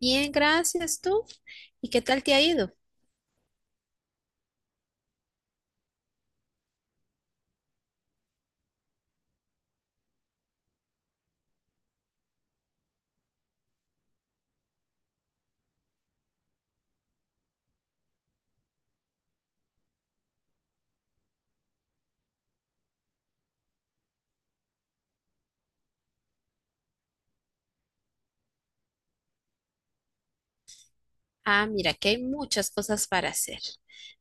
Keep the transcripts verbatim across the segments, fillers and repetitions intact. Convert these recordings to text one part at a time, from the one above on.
Bien, gracias tú. ¿Y qué tal te ha ido? Ah, mira, que hay muchas cosas para hacer,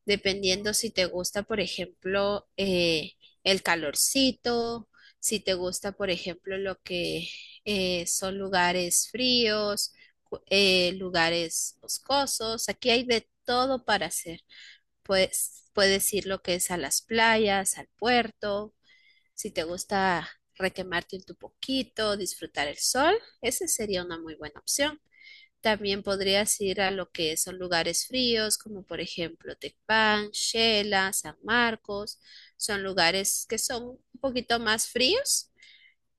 dependiendo si te gusta, por ejemplo, eh, el calorcito, si te gusta, por ejemplo, lo que eh, son lugares fríos, cu- eh, lugares boscosos. Aquí hay de todo para hacer. Pues puedes ir lo que es a las playas, al puerto. Si te gusta requemarte un poquito, disfrutar el sol, esa sería una muy buena opción. También podrías ir a lo que son lugares fríos, como por ejemplo Tecpan, Xela, San Marcos. Son lugares que son un poquito más fríos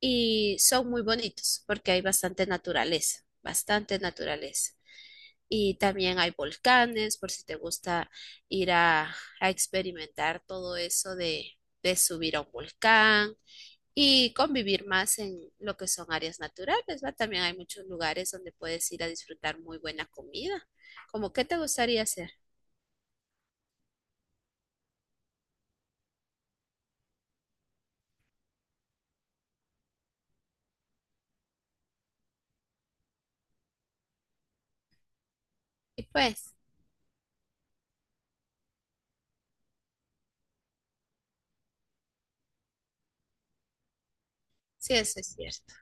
y son muy bonitos porque hay bastante naturaleza, bastante naturaleza. Y también hay volcanes, por si te gusta ir a, a experimentar todo eso de, de subir a un volcán y convivir más en lo que son áreas naturales, ¿va? También hay muchos lugares donde puedes ir a disfrutar muy buena comida. Como, ¿qué te gustaría hacer? Y pues, sí, eso es cierto.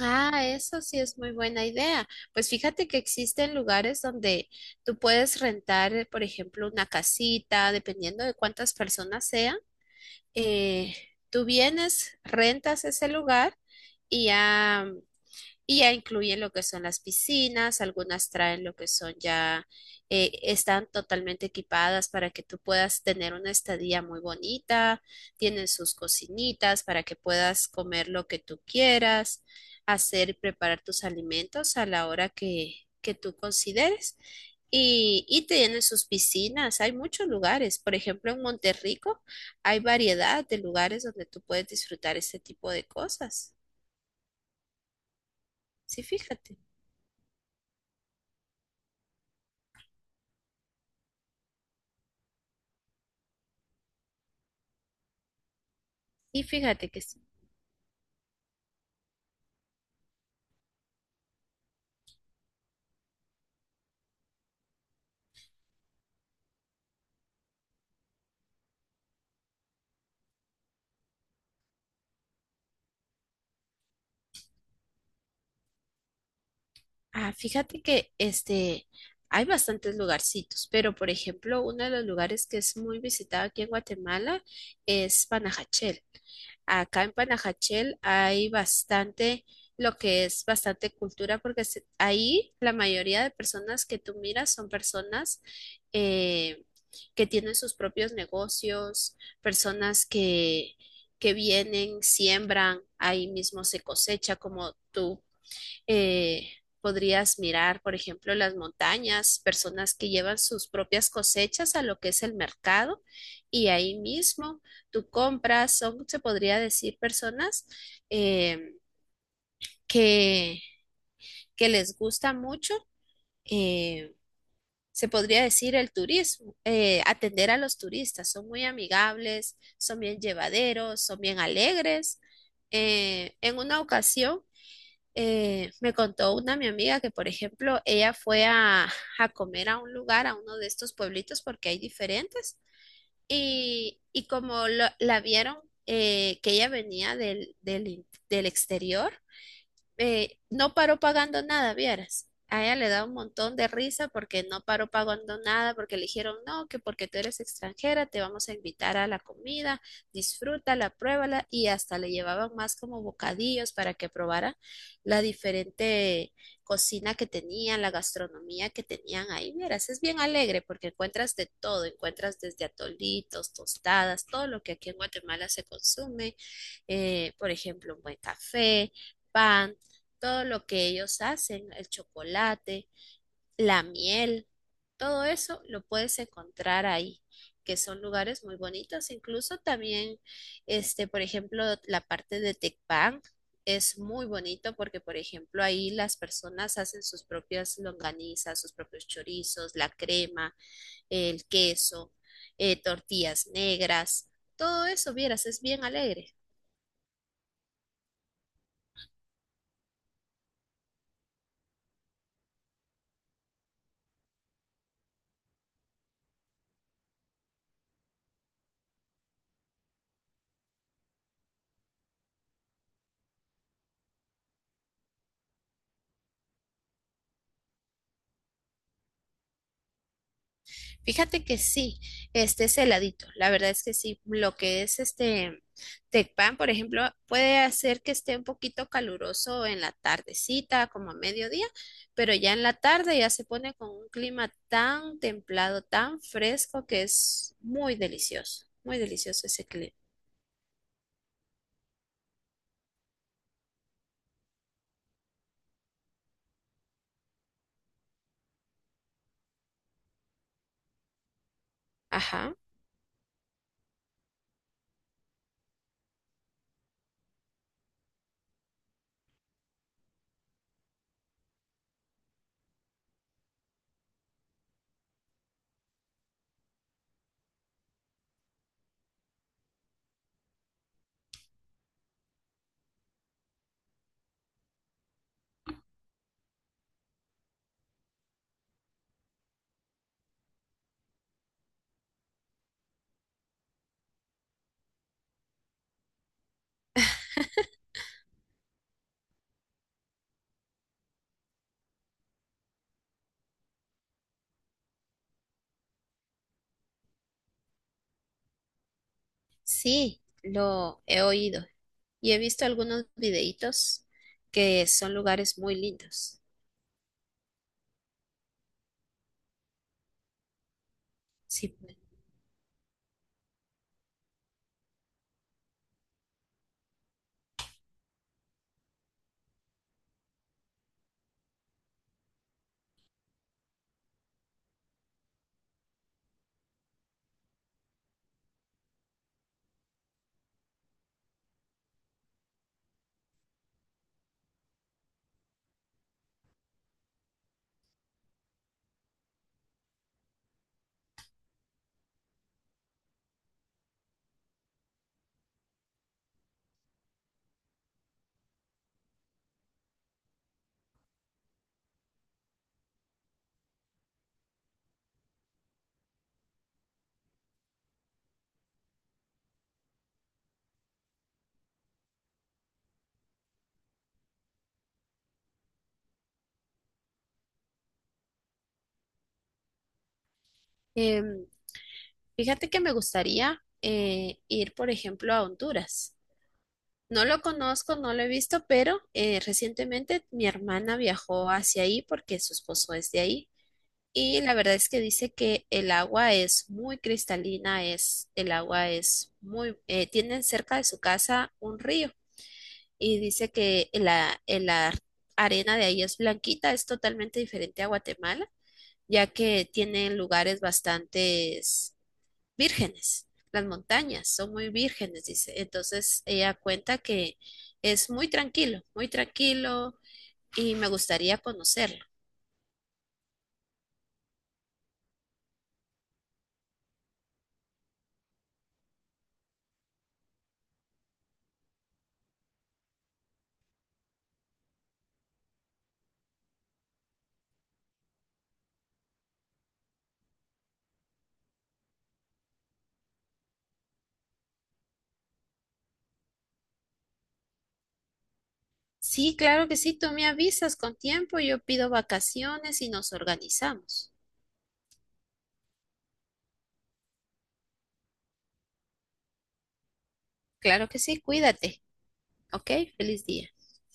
Ah, eso sí es muy buena idea. Pues fíjate que existen lugares donde tú puedes rentar, eh, por ejemplo, una casita, dependiendo de cuántas personas sean. eh, Tú vienes, rentas ese lugar y ya. Y ya incluyen lo que son las piscinas, algunas traen lo que son ya, eh, están totalmente equipadas para que tú puedas tener una estadía muy bonita, tienen sus cocinitas para que puedas comer lo que tú quieras, hacer y preparar tus alimentos a la hora que, que tú consideres. Y, y tienen sus piscinas, hay muchos lugares. Por ejemplo, en Monterrico hay variedad de lugares donde tú puedes disfrutar este tipo de cosas. Sí, fíjate. Y fíjate que, s- ah, fíjate que este, hay bastantes lugarcitos, pero por ejemplo, uno de los lugares que es muy visitado aquí en Guatemala es Panajachel. Acá en Panajachel hay bastante, lo que es bastante cultura, porque se- ahí la mayoría de personas que tú miras son personas eh, que tienen sus propios negocios, personas que, que vienen, siembran, ahí mismo se cosecha, como tú eh, podrías mirar, por ejemplo, las montañas, personas que llevan sus propias cosechas a lo que es el mercado y ahí mismo tú compras, son, se podría decir, personas eh, que, que les gusta mucho. eh, Se podría decir el turismo, eh, atender a los turistas. Son muy amigables, son bien llevaderos, son bien alegres. Eh, en una ocasión eh, me contó una mi amiga que, por ejemplo, ella fue a, a comer a un lugar, a uno de estos pueblitos, porque hay diferentes, y, y como lo- la vieron, eh, que ella venía del, del, in- del exterior, eh, no paró pagando nada, vieras. A ella le da un montón de risa porque no paró pagando nada, porque le dijeron, no, que porque tú eres extranjera, te vamos a invitar a la comida, disfrútala, pruébala, y hasta le llevaban más como bocadillos para que probara la diferente cocina que tenían, la gastronomía que tenían ahí. Vieras, es bien alegre porque encuentras de todo, encuentras desde atolitos, tostadas, todo lo que aquí en Guatemala se consume, eh, por ejemplo, un buen café, pan, todo lo que ellos hacen, el chocolate, la miel, todo eso lo puedes encontrar ahí, que son lugares muy bonitos. Incluso también, este, por ejemplo, la parte de Tecpan es muy bonito porque, por ejemplo, ahí las personas hacen sus propias longanizas, sus propios chorizos, la crema, el queso, eh, tortillas negras. Todo eso, vieras, es bien alegre. Fíjate que sí, este es heladito. La verdad es que sí, lo que es este Tecpan, por ejemplo, puede hacer que esté un poquito caluroso en la tardecita, como a mediodía, pero ya en la tarde ya se pone con un clima tan templado, tan fresco, que es muy delicioso, muy delicioso ese clima. Ajá, sí, lo he oído y he visto algunos videitos que son lugares muy lindos. Sí, pues. Em, Fíjate que me gustaría eh, ir, por ejemplo, a Honduras. No lo conozco, no lo he visto, pero eh, recientemente mi hermana viajó hacia ahí porque su esposo es de ahí. Y la verdad es que dice que el agua es muy cristalina, es, el agua es muy, eh, tienen cerca de su casa un río y dice que la, la arena de ahí es blanquita, es totalmente diferente a Guatemala, ya que tienen lugares bastante vírgenes, las montañas son muy vírgenes, dice. Entonces ella cuenta que es muy tranquilo, muy tranquilo y me gustaría conocerlo. Sí, claro que sí, tú me avisas con tiempo, yo pido vacaciones y nos organizamos. Claro que sí, cuídate, ¿ok? Feliz día.